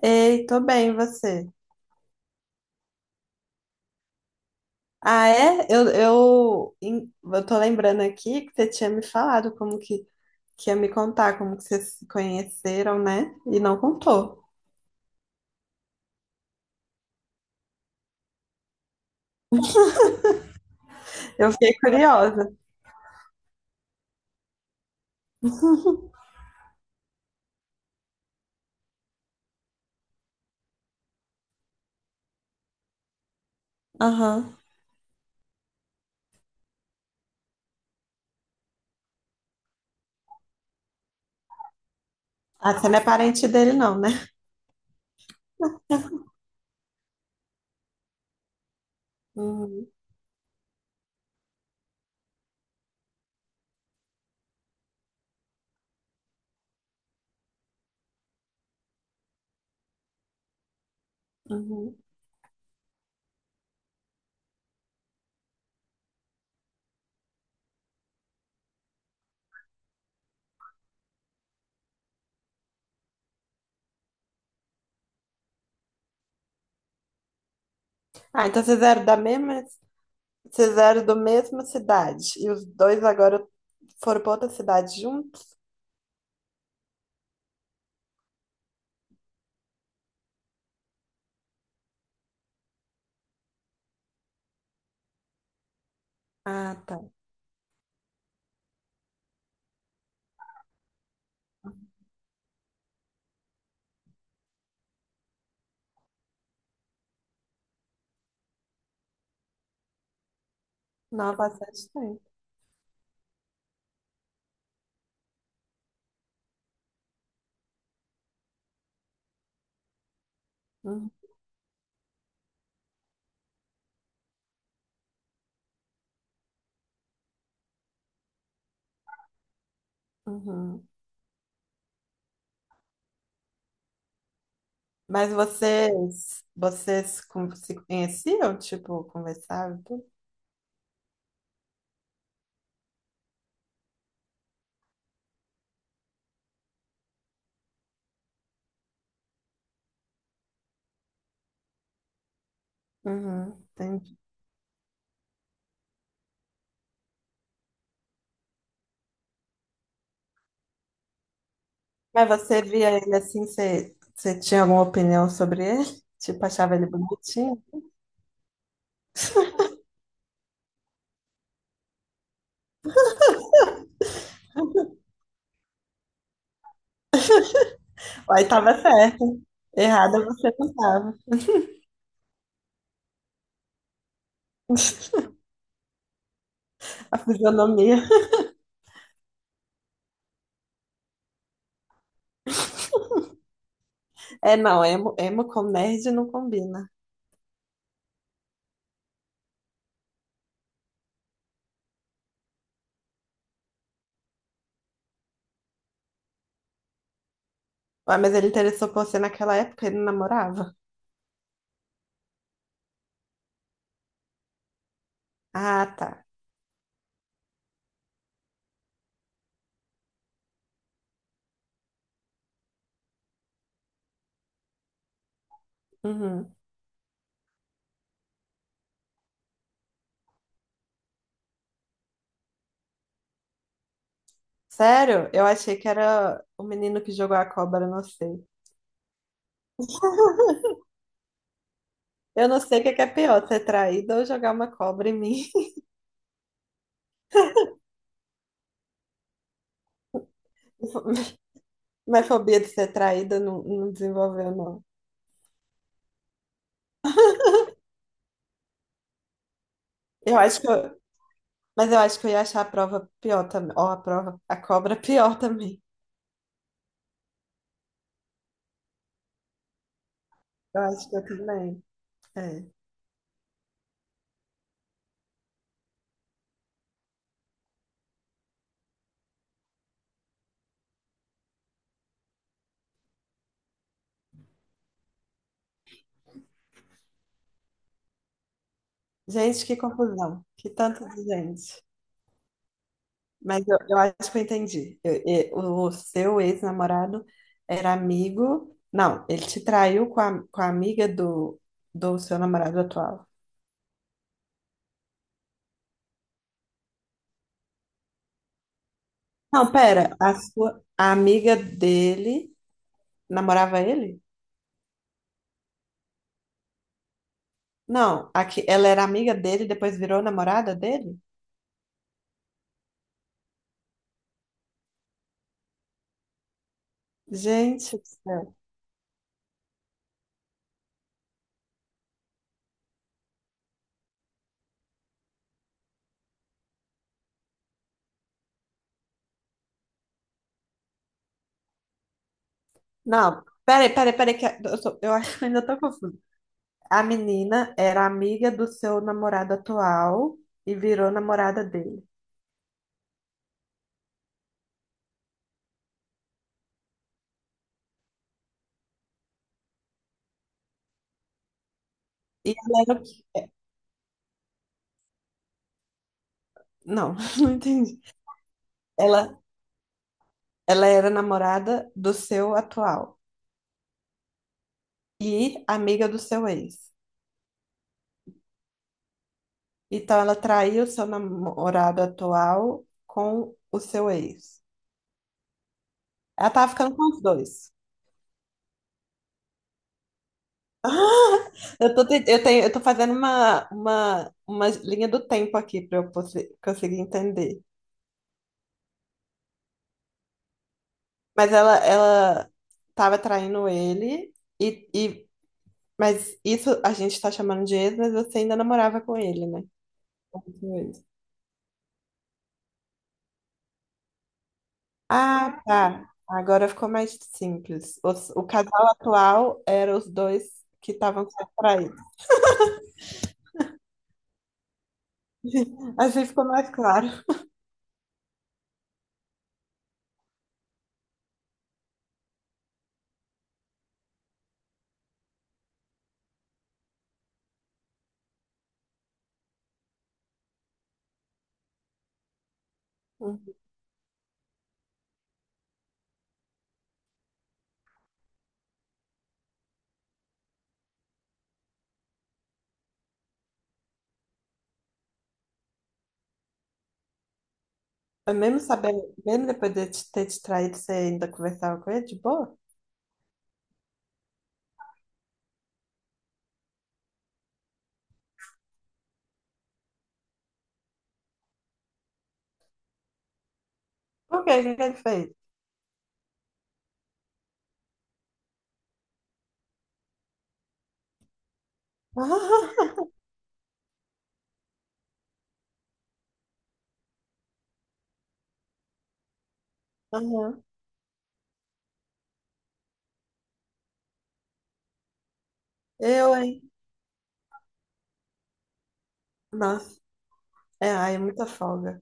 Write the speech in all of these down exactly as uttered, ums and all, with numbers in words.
Ei, tô bem, e você? Ah, é? Eu, eu, em- eu tô lembrando aqui que você tinha me falado como que, que ia me contar, como que vocês se conheceram, né? E não contou. Eu fiquei curiosa. Aham. Ah, você não é parente dele, não, né? Uhum, uhum. Ah, então vocês eram da mesma, vocês eram do mesma cidade. E os dois agora foram pra outra cidade juntos? Ah, tá. Não, há bastante tempo. Uhum, uhum. Mas vocês, vocês com- se conheciam, tipo, conversavam e tudo? Uhum, entendi. Mas você via ele assim, você, você tinha alguma opinião sobre ele? Tipo, achava ele bonitinho? Aí tava certo. Errada você não tava. A fisionomia. É, não, emo, emo com nerd não combina. Ué, mas ele interessou por você naquela época, ele não namorava? Ah, tá. Uhum. Sério? Eu achei que era o menino que jogou a cobra, não sei. Eu não sei o que é que é pior, ser traída ou jogar uma cobra em mim. Minha fobia de ser traída não, não desenvolveu, não. Eu acho que eu, mas eu acho que eu ia achar a prova pior também. Ou a prova, a cobra pior também. Eu acho que eu também. É. Gente, que confusão. Que tanto de gente. Mas eu, eu acho que eu entendi. Eu- e- o seu ex-namorado era amigo. Não, ele te traiu com a, com a amiga do, do seu namorado atual. Não, pera, a sua a amiga dele namorava ele? Não, aqui, ela era amiga dele, depois virou namorada dele? Gente do céu. Não, peraí, peraí, peraí, que eu, tô- eu acho que ainda tô confusa. A menina era amiga do seu namorado atual e virou namorada dele. E ela era o quê? Não, não entendi. Ela, ela era namorada do seu atual e amiga do seu ex. Então ela traiu o seu namorado atual com o seu ex. Ela tava ficando com os dois. Ah, eu tô, te- eu tenho, eu tô fazendo uma, uma, uma linha do tempo aqui para eu possi- conseguir entender. Mas ela, ela tava traindo ele, e, e, mas isso a gente tá chamando de ex, mas você ainda namorava com ele, né? Com ele. Ah, tá. Agora ficou mais simples. Os- O, casal atual era os dois que estavam sendo traídos. Assim ficou mais claro. Uhum. Mas mesmo sabendo, mesmo depois de te- ter te traído, você ainda conversava com ele de boa? Por quê? O que que ele fez? Aham. Eu, hein? Nossa, é, ai, é muita folga.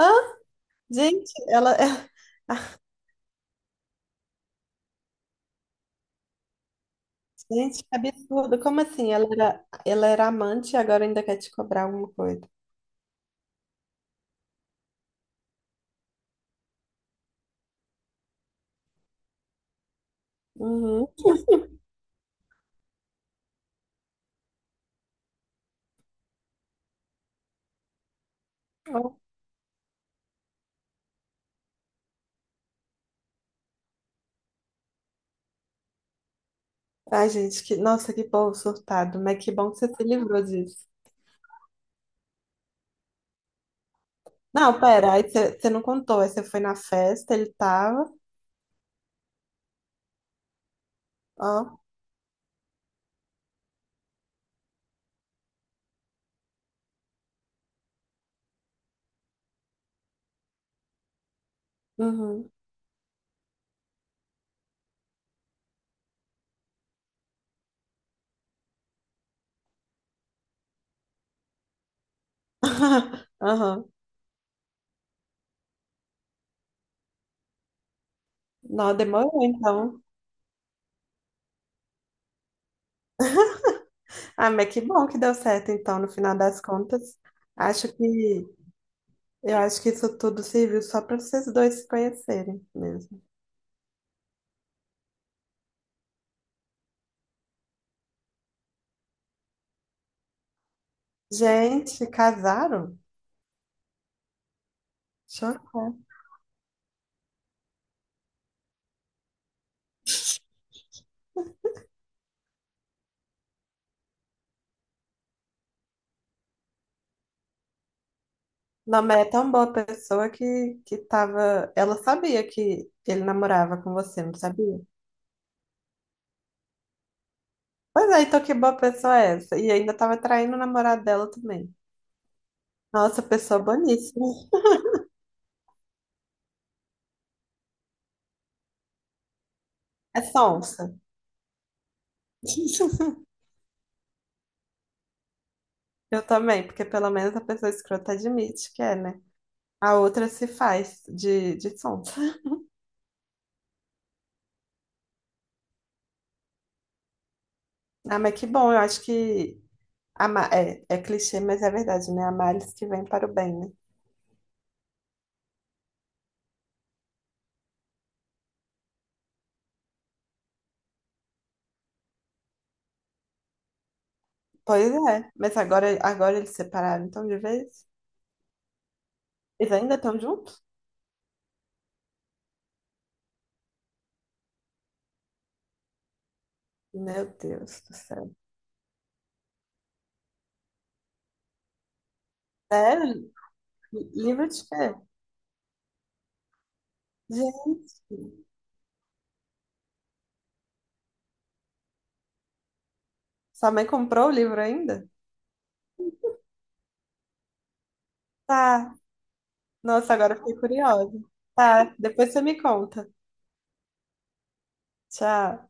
Hã? Gente, ela é. Gente, que absurdo. Como assim? Ela era, ela era amante e agora ainda quer te cobrar alguma coisa. Uhum. Ai, gente, que nossa, que povo surtado. Mas que bom que você se livrou disso. Não, pera, aí você você não contou. Aí você foi na festa, ele tava. Ó. Uhum. Aham. Não, demorou então. Ah, mas que bom que deu certo, então, no final das contas. Acho que eu acho que isso tudo serviu só para vocês dois se conhecerem mesmo. Gente, casaram? Chocou. Não, mas é tão boa pessoa que, que tava. Ela sabia que ele namorava com você, não sabia? Pois é, então que boa pessoa é essa? E ainda tava traindo o namorado dela também. Nossa, pessoa boníssima. É sonsa. Eu também, porque pelo menos a pessoa escrota admite que é, né? A outra se faz de, de som. Ah, mas que bom, eu acho que a Ma- é, é clichê, mas é verdade, né? Há males que vem para o bem, né? Pois é, mas agora, agora eles separaram, então de vez? Eles ainda estão juntos? Meu Deus do céu. Sério? Livro de quê? Gente, sua mãe comprou o livro ainda? Tá, nossa, agora eu fiquei curiosa. Tá, depois você me conta. Tchau.